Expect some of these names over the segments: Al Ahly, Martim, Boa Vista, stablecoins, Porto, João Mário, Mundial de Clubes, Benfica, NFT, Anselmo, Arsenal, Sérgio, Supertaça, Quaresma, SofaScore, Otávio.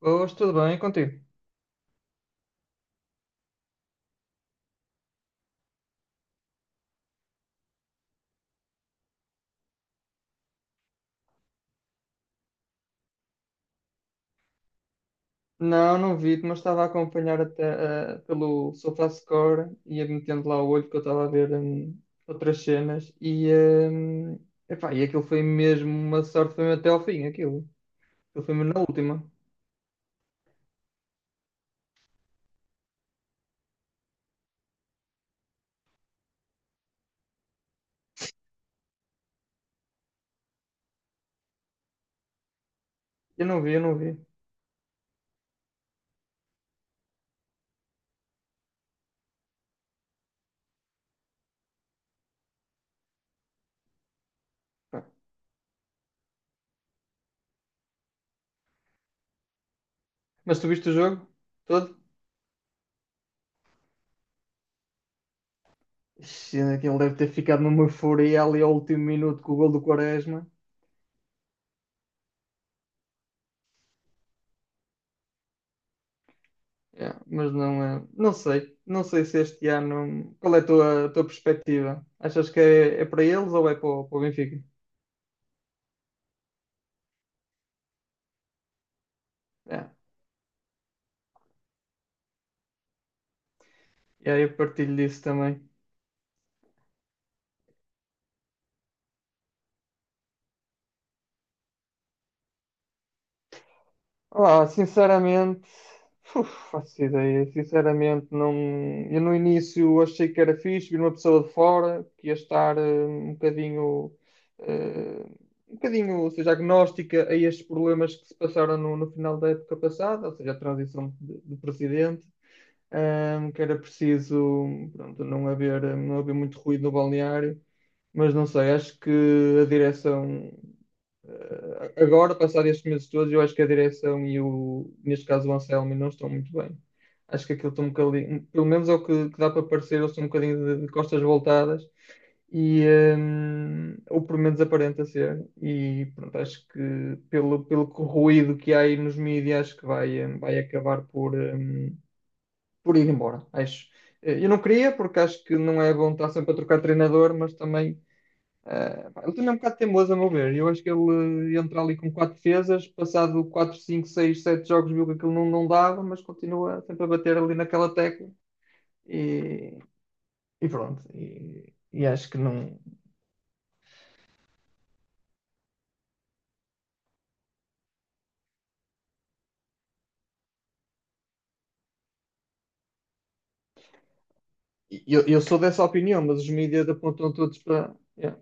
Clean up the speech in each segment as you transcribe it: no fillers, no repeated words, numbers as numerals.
Hoje tudo bem contigo? Não, não vi, mas estava a acompanhar até, pelo SofaScore e ia metendo lá o olho que eu estava a ver outras cenas e, hum, epá, e aquilo foi mesmo uma sorte, foi mesmo até ao fim, aquilo. Aquilo foi mesmo na última. Eu não vi, eu não vi. Pá. Mas tu viste o jogo todo? Ixi, aquilo deve ter ficado numa euforia ali ao último minuto com o gol do Quaresma. Yeah, mas não, não sei, não sei se este ano. Qual é a tua perspectiva? Achas que é para eles ou é para o Benfica? Yeah. E aí eu partilho disso também. Ah, sinceramente, faço ideia. Sinceramente, não. Eu no início achei que era fixe vir uma pessoa de fora que ia estar um bocadinho, eh, ou seja, agnóstica a estes problemas que se passaram no final da época passada, ou seja, a transição de presidente. Que era preciso, pronto, não haver muito ruído no balneário, mas não sei, acho que a direção, agora, passado estes meses todos, eu acho que a direção e o, neste caso, o Anselmo não estão muito bem. Acho que aquilo está um bocadinho, pelo menos é o que dá para parecer, eles estão um bocadinho de costas voltadas e ou pelo menos aparenta ser e pronto, acho que pelo ruído que há aí nos mídias acho que vai acabar por ir embora, acho. Eu não queria, porque acho que não é bom estar sempre a trocar de treinador, mas também pá, ele também é um bocado teimoso, a meu ver. Eu acho que ele entra ali com quatro defesas, passado 4 5 6 7 jogos, viu que aquilo não, não dava, mas continua sempre a bater ali naquela tecla e, e pronto. E acho que não. Eu sou dessa opinião, mas os mídias apontam todos para. Yeah.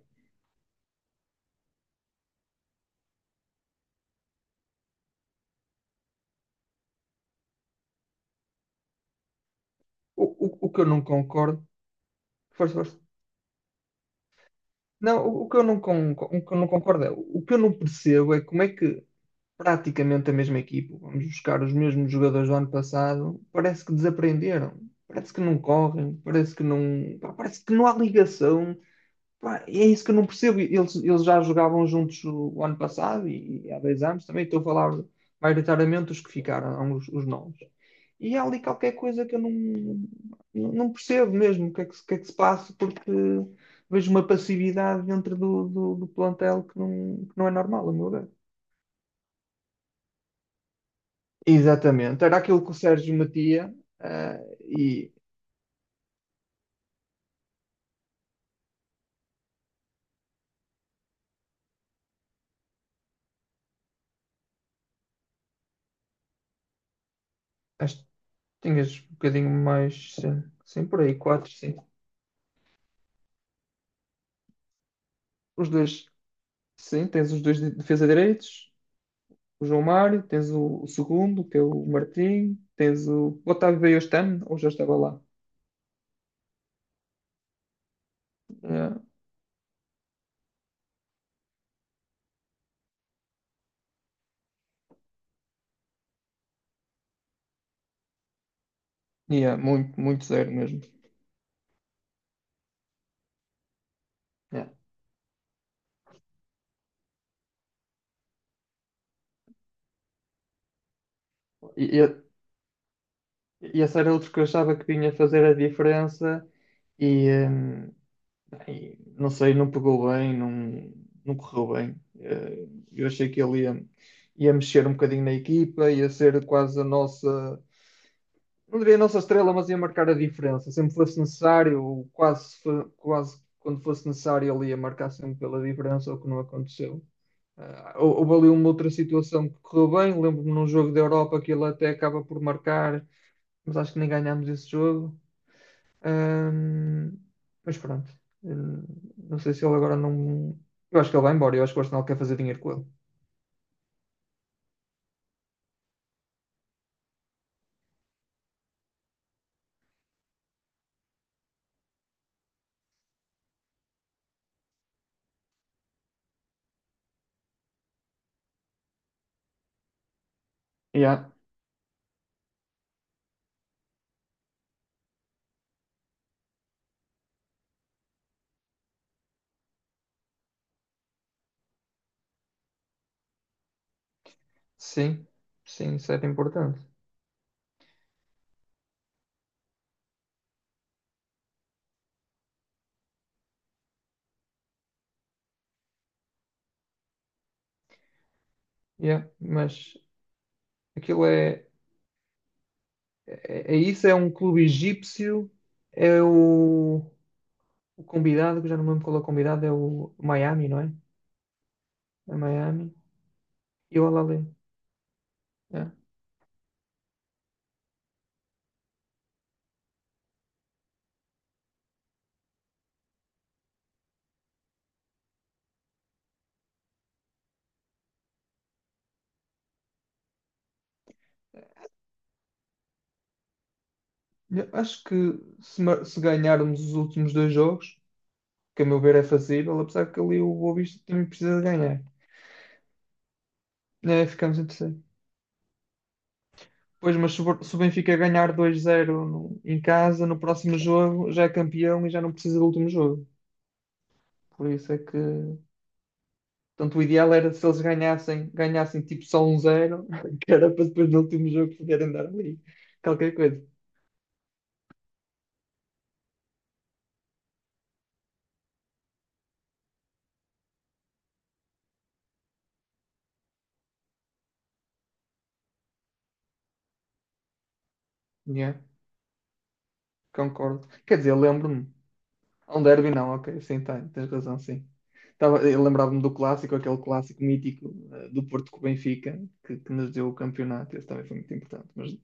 O que eu não concordo. Força, força. Não, o que eu não concordo é, o que eu não percebo é como é que praticamente a mesma equipa, vamos buscar os mesmos jogadores do ano passado, parece que desaprenderam, parece que não correm, parece que não, pá, parece que não há ligação. Pá, é isso que eu não percebo. Eles já jogavam juntos o ano passado e há dois anos também. Estou a falar maioritariamente os que ficaram, os novos. E há ali qualquer coisa que eu não, não percebo mesmo o que é que se passa, porque vejo uma passividade dentro do plantel que não é normal, a meu ver. Exatamente, era aquilo que o Sérgio metia, eh, e acho que tinhas um bocadinho mais, sim, sim, por aí, quatro, sim. Os dois, sim, tens os dois de defesa direitos, o João Mário, tens o segundo, que é o Martim, tens o Otávio veio este ano, ou já estava lá. É, e é muito, muito zero mesmo. É. E, e, e esse era outro que eu achava que vinha fazer a diferença e, eh, não sei, não pegou bem, não, não correu bem. Eu achei que ele ia mexer um bocadinho na equipa, ia ser quase a nossa, não diria a nossa estrela, mas ia marcar a diferença. Sempre fosse necessário, ou quase, quase quando fosse necessário, ele ia marcar sempre pela diferença, o que não aconteceu. Houve ali uma outra situação que correu bem. Lembro-me num jogo da Europa que ele até acaba por marcar, mas acho que nem ganhámos esse jogo. Ahm, mas pronto. Hum, não sei se ele agora não. Eu acho que ele vai embora, eu acho que o Arsenal quer fazer dinheiro com ele. Yeah. Sim, sim, isso era importante. Yeah, mas aquilo é isso, é um clube egípcio, é o convidado, que eu já não me lembro qual é o convidado, é o Miami, não é? É Miami e o Al Ahly. Yeah. Eu acho que se ganharmos os últimos dois jogos, que a meu ver é fazível, apesar que ali o Boa Vista também precisa de ganhar. É, ficamos em terceiro. Pois, mas se o Benfica ganhar dois 0 em casa, no próximo jogo já é campeão e já não precisa do último jogo. Por isso é que. Portanto, o ideal era se eles ganhassem, ganhassem tipo só um zero que era para depois no último jogo poderem dar ali qualquer coisa. Yeah, concordo. Quer dizer, lembro-me. Um derby não, ok, sim, tá, tens razão, sim. Tava, eu lembrava-me do clássico, aquele clássico mítico do Porto com o Benfica, que nos deu o campeonato, esse também foi muito importante. Mas...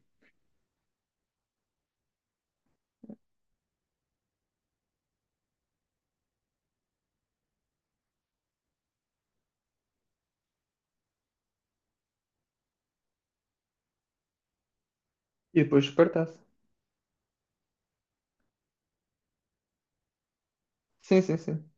E depois o Supertaça. Sim, sim, sim.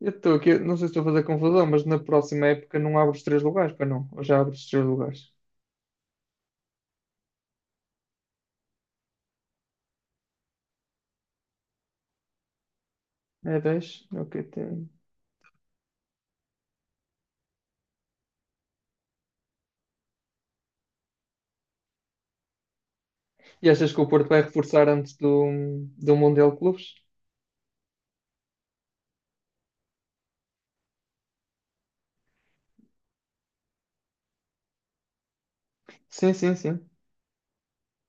Eu estou aqui, não sei se estou a fazer confusão, mas na próxima época não abro os três lugares, pois não? Ou já abro os três lugares? É dez, ok, tem. E achas que o Porto vai reforçar antes do Mundial de Clubes? Sim, sim, sim.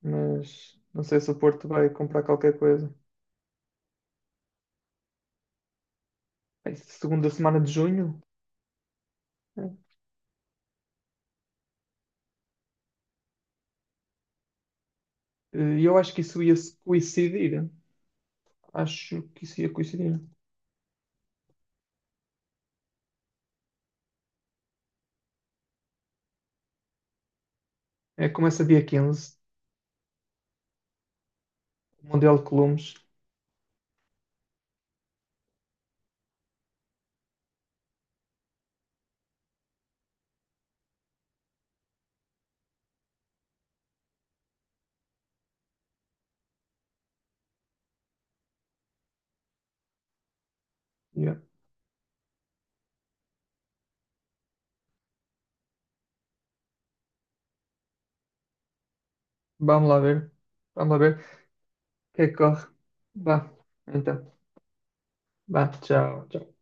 Mas não sei se o Porto vai comprar qualquer coisa. Bem, segunda semana de junho? É. E eu acho que isso ia se coincidir. Acho que isso ia coincidir. É, começa dia 15 o Mundial de Clubes. Yeah. Vamos lá ver. Vamos lá ver. O que é que corre? Vá. Então. Bah, tchau. Tchau.